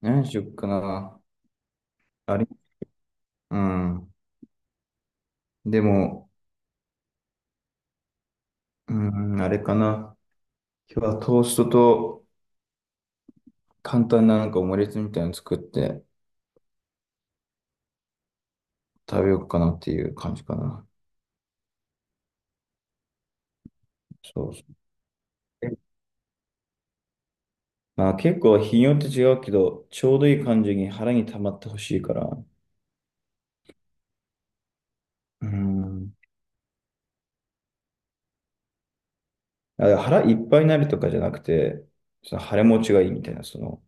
何しよっかな。あれ、うん。でも、うん、あれかな。今日はトーストと簡単ななんかオムレツみたいなの作って食べようかなっていう感じかな。そうそう。えまあ結構日によって違うけど、ちょうどいい感じに腹に溜まってほしいから。うん。あ、腹いっぱいになるとかじゃなくて、その腹持ちがいいみたいな、その、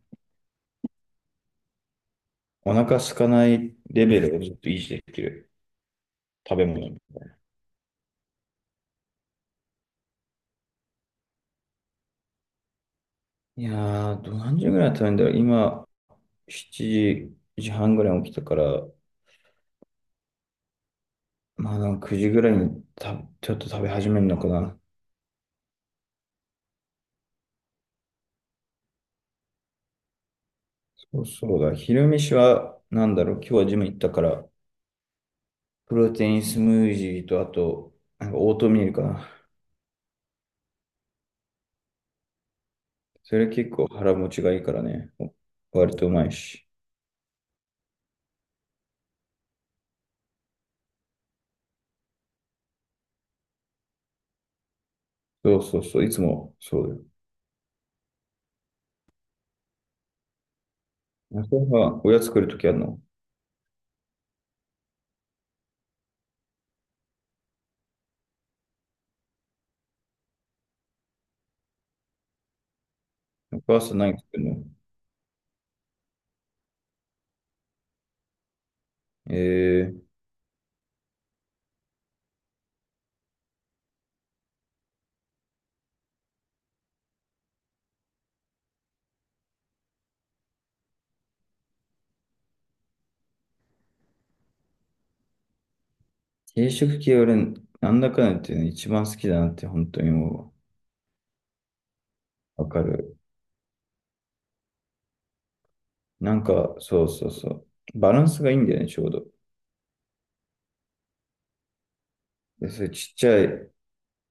お腹空かないレベルをずっと維持できる食べ物みたいな。いやー、何時ぐらい食べるんだろう。今、7時半ぐらいに起きたから、まあなんか9時ぐらいにちょっと食べ始めるのかな。そうそう、だ、昼飯はなんだろう。今日はジム行ったから、プロテインスムージーとあと、なんかオートミールかな。それ結構腹持ちがいいからね。割とうまいし。そうそうそう、いつもそうだよ。朝はおやつ作るときあるの？お母さん何作るの？えー、定食系俺、なんだかんだ言ってね、一番好きだなって本当にもうわかる。なんか、そうそうそう。バランスがいいんだよね、ちょうど。で、それちっちゃい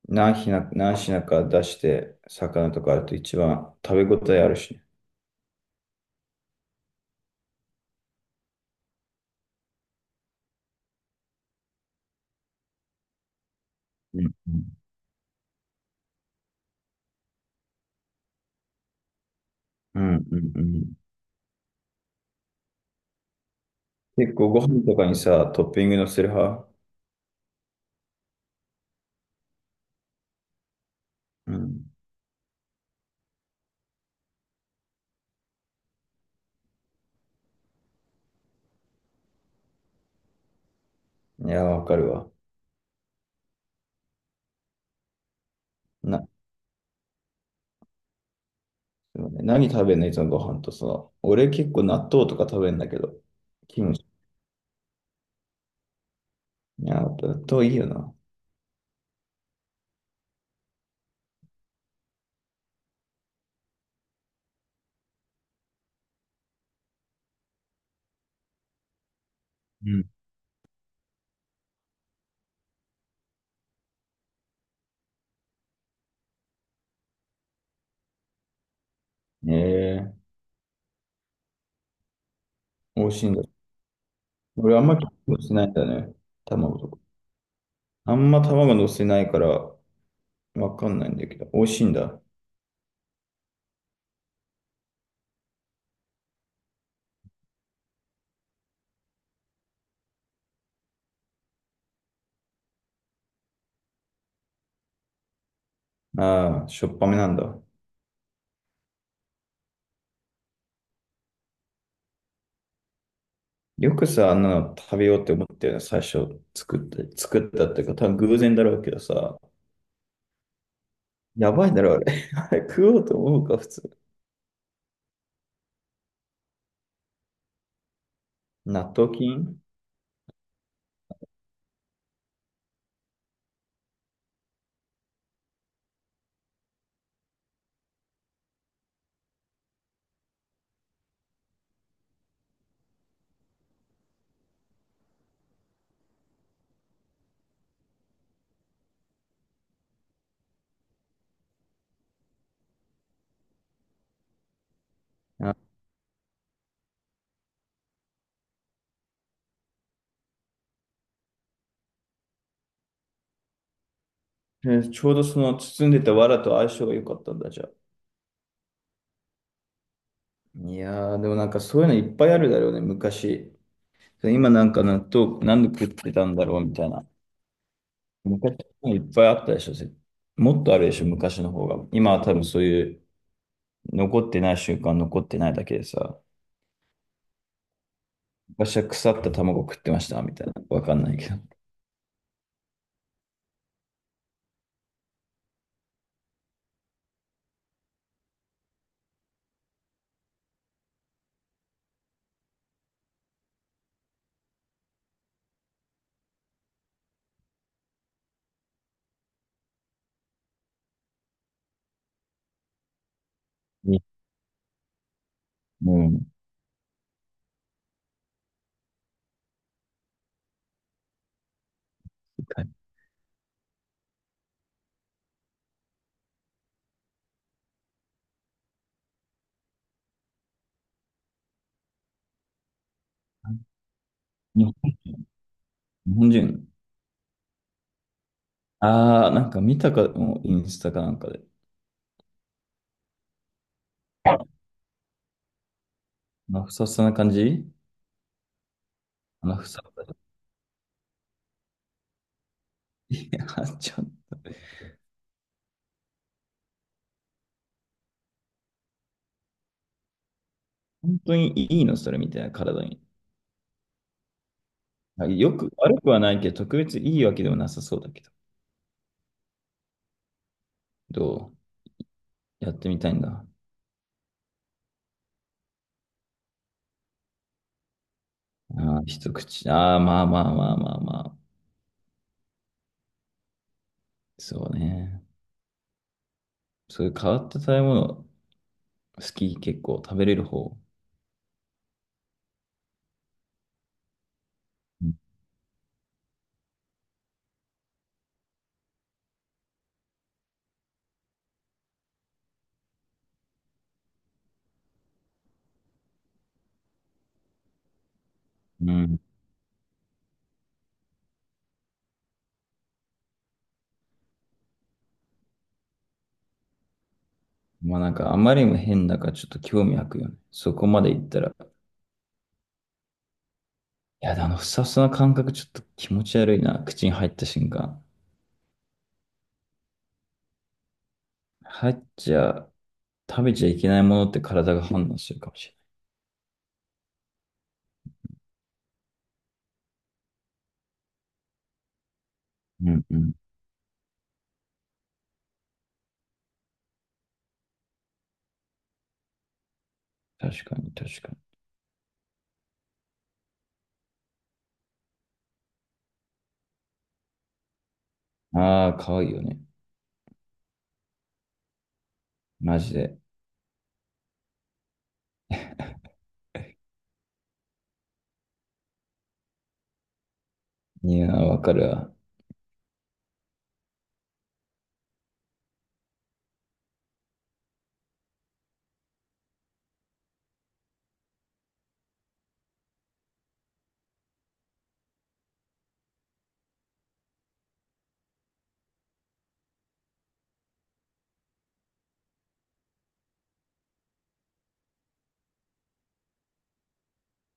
何品か出して、魚とかあると一番食べ応えあるしね。うんうん、うん、結構ご飯とかにさ、トッピングのせる派？うん。いや、わかるわ。な、そうね、何食べんのいつもご飯とさ。俺結構納豆とか食べんだけど。キムチ。いや、納豆いいよな。うん。へえ、美味しいんだ。俺あんまり気にしないんだね。卵とか。あんま卵乗せないからわかんないんだけど、美味しいんだ。ああ、しょっぱめなんだ。よくさ、あんなの食べようって思ったよね、最初作って、作ったっていうか、多分偶然だろうけどさ、やばいだろ、あれ。あれ食おうと思うか、普通。納豆菌、あ、えーちょうどその包んでた藁と相性が良かったんだ、じゃあ。いやー、でもなんかそういうのいっぱいあるだろうね、昔。今なんか納豆、なんで食ってたんだろうみたいな。昔のいっぱいあったでしょ、もっとあるでしょ、昔の方が。今は多分そういう残ってない習慣残ってないだけでさ、昔は腐った卵食ってましたみたいな、わかんないけど。にうん。に日本人。ああ、なんか見たかも、インスタかなんかで。あのふさふさな感じ、あのふさふさ。いや、ちょ、本当にいいのそれみたいな、体に。よく、悪くはないけど、特別いいわけでもなさそうだけど。どうやってみたいんだ。ああ、一口。ああ、まあまあまあまあまあ。そうね。そういう変わった食べ物、好き、結構食べれる方？うん。まあなんか、あまりにも変だからちょっと興味湧くよね。そこまで行ったら。いや、あの、ふさふさな感覚ちょっと気持ち悪いな。口に入った瞬間。入っちゃ、食べちゃいけないものって体が反応するかもしれない。うん。確かに、確かに。ああ、可愛いよね。マジで。いやー、わかるわ。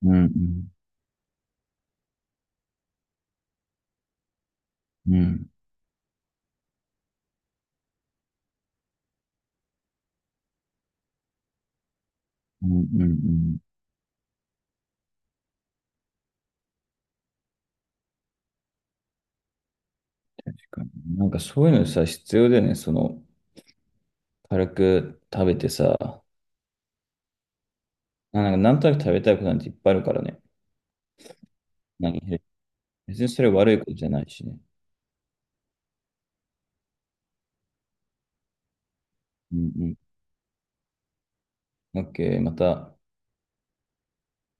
うんうん。うん。うん。なんかそういうのさ、必要だよね。その、軽く食べてさ、なんかなんとなく食べたいことなんていっぱいあるからね。何別にそれ悪いことじゃないしね。うんうん。OK、また。